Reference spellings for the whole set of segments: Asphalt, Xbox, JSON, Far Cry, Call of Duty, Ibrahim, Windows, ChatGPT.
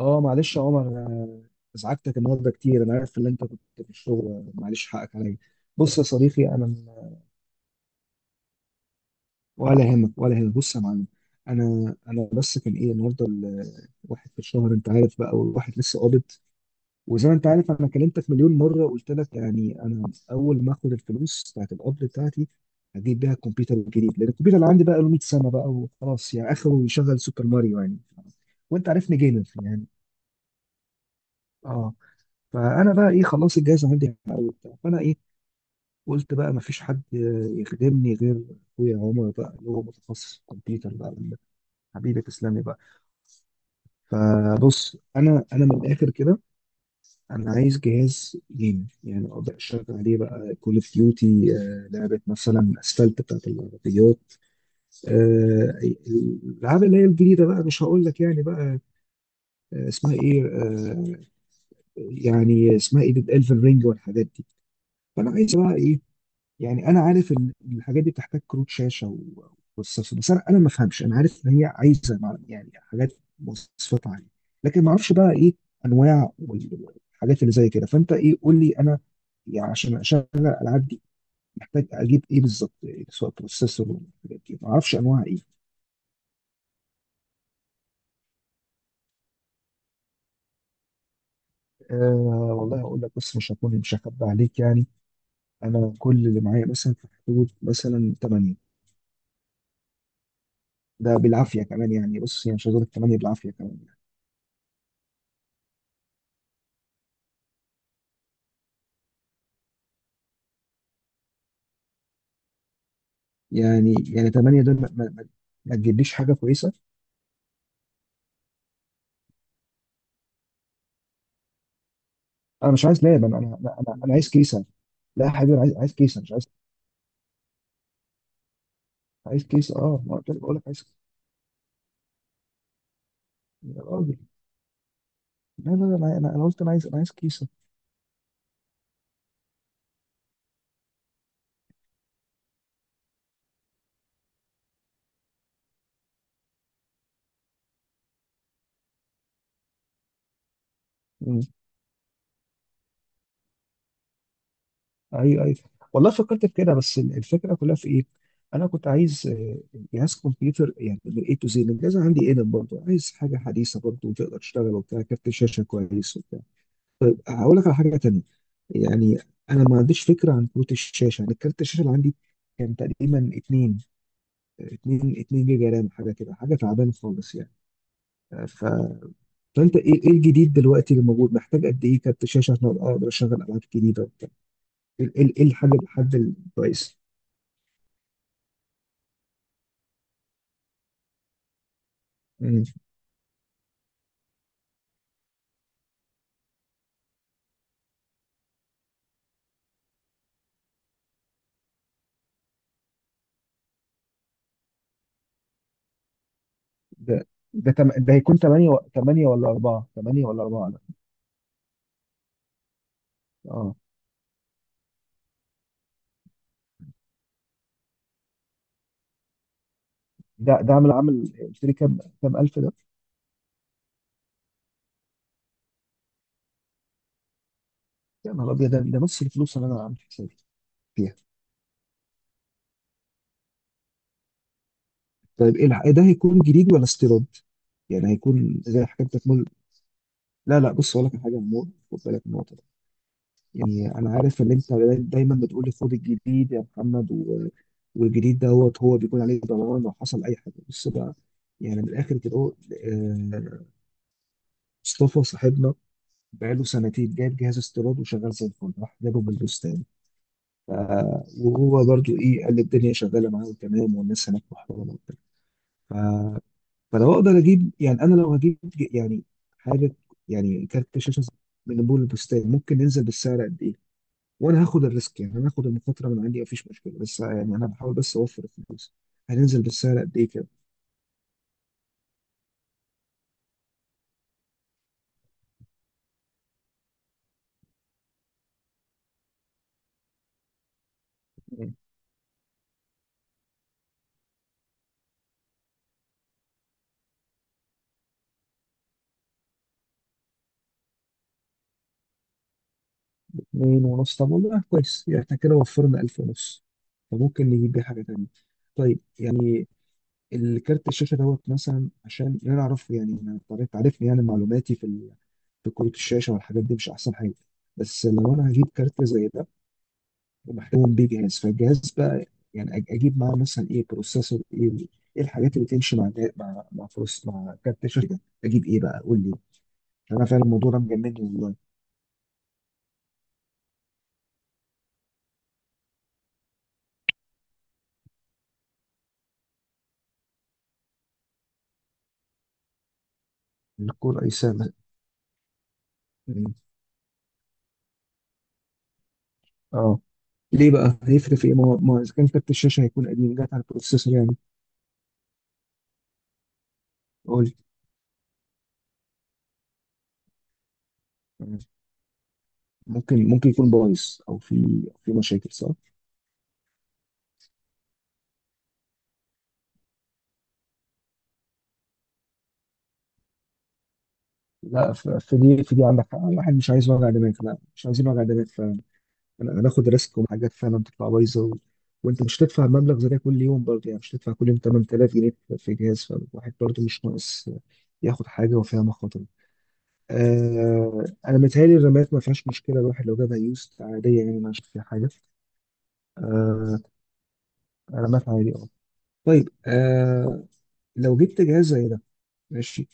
اه، معلش يا عمر، أنا ازعجتك النهارده كتير. انا عارف ان انت كنت في الشغل، معلش، حقك عليا. بص يا صديقي، ولا يهمك، ولا يهمك. بص يا معلم. انا بس كان ايه النهارده، الواحد في الشهر، انت عارف بقى، والواحد لسه قابض. وزي ما انت عارف، انا كلمتك مليون مره، قلت لك يعني انا اول ما اخد الفلوس بتاعت القبض بتاعتي، هجيب بيها الكمبيوتر الجديد، لان الكمبيوتر اللي عندي بقى له 100 سنه بقى، وخلاص يعني اخره يشغل سوبر ماريو يعني. وانت عارفني جيمر يعني. اه. فانا بقى ايه، خلاص الجهاز عندي قوي وبتاع، فانا ايه، قلت بقى مفيش حد يخدمني غير اخويا عمر، بقى اللي هو متخصص في الكمبيوتر بقى. حبيبي، تسلمي بقى. فبص، انا من الاخر كده، انا عايز جهاز جيمنج، يعني اقدر اشتغل عليه بقى كول اوف ديوتي، لعبه مثلا اسفلت بتاعت العربيات، الالعاب اللي هي الجديده بقى، مش هقول لك يعني بقى، اسمها ايه، يعني اسمها ايه الفن رينج والحاجات دي. فانا عايز بقى ايه، يعني انا عارف ان الحاجات دي بتحتاج كروت شاشه وبروسيسور، بس انا ما افهمش، انا عارف ان هي عايزه يعني حاجات، مواصفات عاليه، لكن ما اعرفش بقى ايه انواع والحاجات اللي زي كده. فانت ايه، قول لي انا، يعني عشان اشغل الالعاب دي محتاج اجيب ايه بالظبط، إيه سواء بروسيسور والحاجات دي، ما اعرفش انواع ايه؟ أه، والله اقول لك، بس مش هخبي عليك يعني. انا كل اللي معايا مثلا في حدود مثلا 8. ده بالعافيه كمان يعني، بص يعني مش عايز اقول لك 8 بالعافيه كمان. يعني 8 دول ما ما تجيبليش حاجه كويسه. انا مش عايز لاب، أنا عايز كيسه. لا يا حبيبي، انا عايز كيسه، مش عايز. عايز كيسه، اه، ما قلت لك بقول لك عايز. يا راجل، لا لا لا، انا انا أنا قلت انا عايز كيسه. مم. ايوه، ايوه، والله فكرت في كده، بس الفكره كلها في ايه؟ انا كنت عايز جهاز كمبيوتر، يعني من اي تو زي الجهاز عندي، ايه برضه عايز حاجه حديثه برضه، وتقدر تشتغل وبتاع كارت شاشه كويس. هقول لك على حاجه تانية، يعني انا ما عنديش فكره عن كروت الشاشه، انا كارت الشاشه اللي عندي كان تقريبا 2 2 2 جيجا رام، حاجه كده، حاجه تعبانه خالص يعني. ف... فانت ايه الجديد دلوقتي اللي موجود، محتاج قد ايه كارت شاشه عشان أبقى اقدر اشغل العاب جديده وبتاع، إيه الحاجه الحد الكويس؟ مم. ده ده هيكون 8 8 ولا 4، 8 ولا 4 ده؟ اه. ده عامل قلت لي كام الف ده؟ يا نهار ابيض، ده نص الفلوس اللي انا عامل حسابي فيها. طيب، إيه ده، هيكون جديد ولا استيراد؟ يعني هيكون زي حاجه انت تمول؟ لا لا، بص اقول لك على حاجه يا عمور، خد بالك من النقطه دي، يعني انا عارف ان انت دايما بتقول لي خد الجديد يا محمد، والجديد دوت هو بيكون عليه ضمان لو حصل اي حاجه. بص بقى، يعني من الاخر كده أهو، آه، مصطفى صاحبنا بقاله سنتين جايب جهاز استيراد وشغال زي الفل، راح جابه من البستان، ف- وهو برضو ايه، قال لي الدنيا شغاله معاه وتمام، والناس هناك محترمه وبتاع. فلو اقدر اجيب، يعني انا لو هجيب يعني حاجه، يعني كارت شاشه، من بول البستان، ممكن ننزل بالسعر قد ايه؟ وانا هاخد الريسك، يعني انا هاخد المخاطره من عندي، مفيش مشكله، بس يعني انا بحاول بس اوفر الفلوس. هننزل بالسعر قد ايه كده؟ يعني اتنين ونص، طب والله كويس، يعني احنا كده وفرنا الف ونص، فممكن نجيب بيه حاجه تانيه. طيب يعني، الكارت الشاشه دوت مثلا، عشان يعني انا اعرف، يعني انا عارفني، يعني معلوماتي في في كروت الشاشه والحاجات دي مش احسن حاجه. بس لو انا هجيب كارت زي ده ومحتوم بيه جهاز، فالجهاز بقى يعني اجيب معاه مثلا ايه، بروسيسور ايه، ايه الحاجات اللي تمشي مع مع فلوس، مع كارت الشاشه، اجيب ايه بقى؟ قول لي، انا فعلا الموضوع ده مجنني والله. الكور اي سام؟ اه، ليه بقى، هيفرق في ايه؟ ما هو اذا كان كارت الشاشه هيكون قديم، جات على البروسيسور يعني. قول لي. مم. ممكن يكون بايظ او في مشاكل، صح؟ لا، في دي عندك حق، الواحد مش عايز وجع دماغ، لا مش عايزين وجع دماغ. انا هناخد ريسك وحاجات فعلا تطلع بايظه، وانت مش هتدفع مبلغ زي ده كل يوم برضه يعني، مش هتدفع كل يوم 8000 جنيه في جهاز، فالواحد برضه مش ناقص ياخد حاجه وفيها مخاطر. آه، انا متهيألي الرمات ما فيهاش مشكله، الواحد لو جابها يوست عاديه يعني، ما عشان فيها حاجه. آه، رمات عادي، اه. طيب، آه، لو جبت جهاز زي ده، ماشي،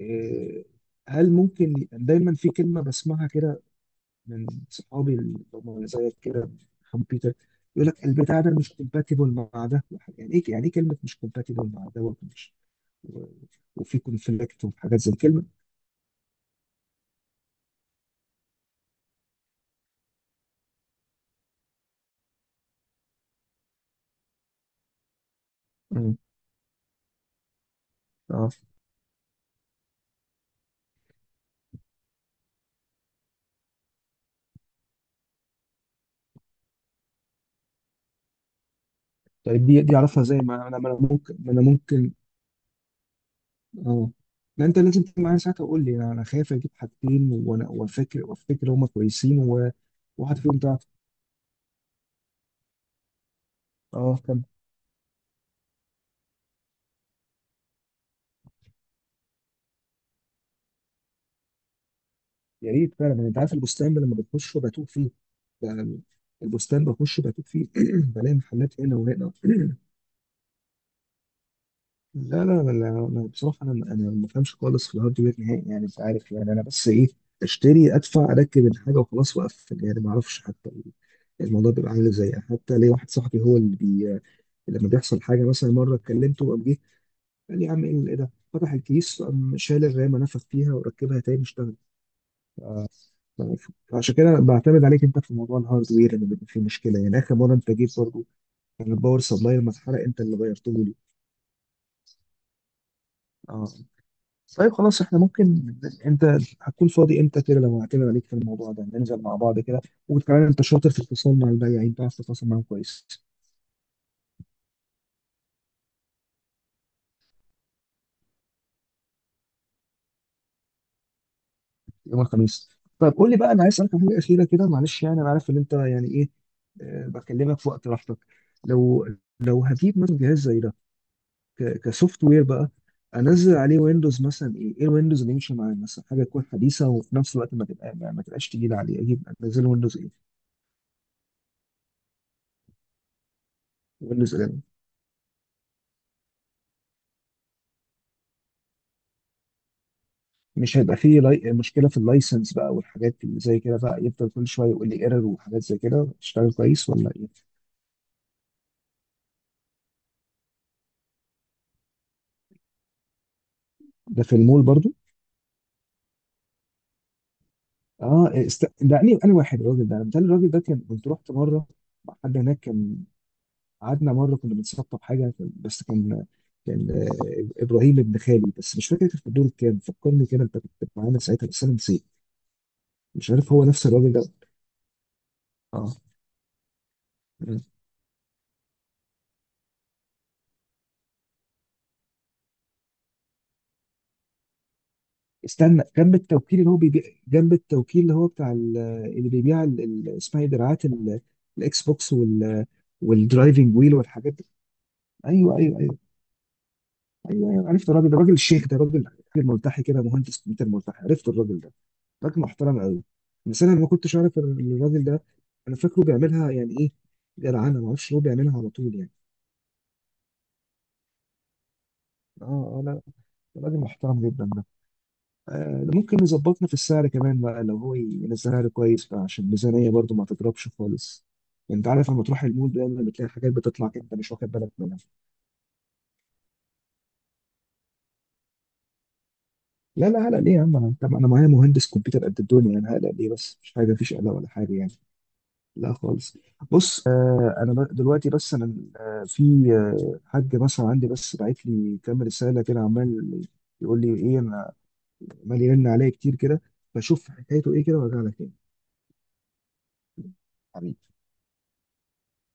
آه، هل ممكن، دايما في كلمه بسمعها كده من صحابي اللي هم زيك كده، كمبيوتر، يقول لك البتاع ده مش كومباتيبل مع ده. يعني ايه كلمه مش كومباتيبل مع ده، ومش و- وفي كونفليكت وحاجات زي كلمه؟ مم. اه، طيب، دي اعرفها، زي ما انا، ما انا ممكن، ما انا ممكن. اه، لا انت لازم تيجي معايا ساعتها وقول لي، أنا خايف اجيب حاجتين، وانا وافكر وافتكر هم كويسين وواحد فيهم ضعف. اه، كم. يا ريت فعلا، يعني انت عارف البستان ده لما بتخش وبتوه فيه، ب- البستان بخش بتوه فيه. بلاقي محلات هنا وهنا. لا لا لا لا، أنا بصراحة، أنا ما بفهمش خالص في الهاردوير نهائي يعني، أنت عارف، يعني أنا بس إيه، أشتري، أدفع، أركب الحاجة وخلاص وأقفل يعني، ما أعرفش حتى الموضوع بيبقى عامل إزاي يعني. حتى ليه، واحد صاحبي هو اللي لما بيحصل حاجة مثلا، مرة كلمته وقام جه، قال لي يا عم، إيه ده، فتح الكيس، قام شال الرامة، نفخ فيها وركبها تاني اشتغل. فعشان كده أنا بعتمد عليك أنت في موضوع الهاردوير لما بيبقى فيه مشكلة، يعني آخر مرة أنت جيت برضه، الباور سبلاي لما اتحرق، انت اللي غيرته لي. اه، طيب خلاص، احنا ممكن، انت هتكون فاضي امتى كده لو هعتمد عليك في الموضوع ده، ننزل مع بعض كده؟ وكمان انت شاطر في التواصل مع البياعين، بتعرف تتواصل معاهم كويس. يوم الخميس؟ طيب قول لي بقى، انا عايز اسالك على حاجه اخيره كده، معلش يعني انا عارف ان انت يعني ايه، بكلمك في وقت راحتك. لو، لو هجيب مثلا جهاز زي ده، كسوفت وير بقى، انزل عليه ويندوز مثلا ايه الويندوز اللي يمشي معايا مثلا، حاجه تكون حديثه وفي نفس الوقت ما تبقى ما ما تبقاش تقيله عليه، اجيب انزل ويندوز؟ يقول لي زلمه، مش هيبقى فيه مشكله في اللايسنس بقى والحاجات اللي زي كده، بقى يفضل كل شويه يقول لي ايرور وحاجات زي كده، تشتغل كويس ولا ايه؟ ده في المول برضو؟ اه، ده انا واحد، الراجل ده، الراجل ده كان، كنت رحت مره مع حد هناك كان، قعدنا مره كنا بنسطب حاجه، بس كان، كان ابراهيم ابن خالي، بس مش فاكر كان في الدور الكام، فكرني كده انت كنت معانا ساعتها بس انا نسيت. مش عارف هو نفس الراجل ده. اه، استنى، جنب التوكيل اللي هو بيبيع، جنب التوكيل اللي هو بتاع اللي بيبيع اسمها ايه، دراعات الاكس بوكس وال والدرايفنج ويل والحاجات دي. ايوه، ايوه، ايوه، ايوه، أيوة. عرفت الراجل ده، راجل الشيخ ده، راجل، راجل ملتحي كده، مهندس كمبيوتر ملتحي، عرفت الراجل ده؟ راجل محترم قوي، بس انا ما كنتش اعرف إن الراجل ده، انا فاكره بيعملها يعني، ايه جدعانه، ما اعرفش هو بيعملها على طول يعني؟ اه. اه. لا، راجل محترم جدا. ده ممكن يظبطنا في السعر كمان بقى، لو هو ينزلها لي كويس بقى، عشان الميزانية برضو ما تضربش خالص. انت عارف لما تروح المول دايما بتلاقي حاجات بتطلع كده انت مش واخد بالك منها. لا لا، هلا ليه يا عم؟ انا، طب انا معايا مهندس كمبيوتر قد الدنيا، انا هلا ليه بس، مش حاجه، مفيش قلق ولا حاجه يعني. لا خالص. بص، انا دلوقتي، بس انا في حاج مثلا عندي، بس بعت لي كام رساله كده، عمال يقول لي ايه، انا عمال يرن عليا كتير كده، بشوف حكايته ايه كده وارجع لك تاني. حبيبي.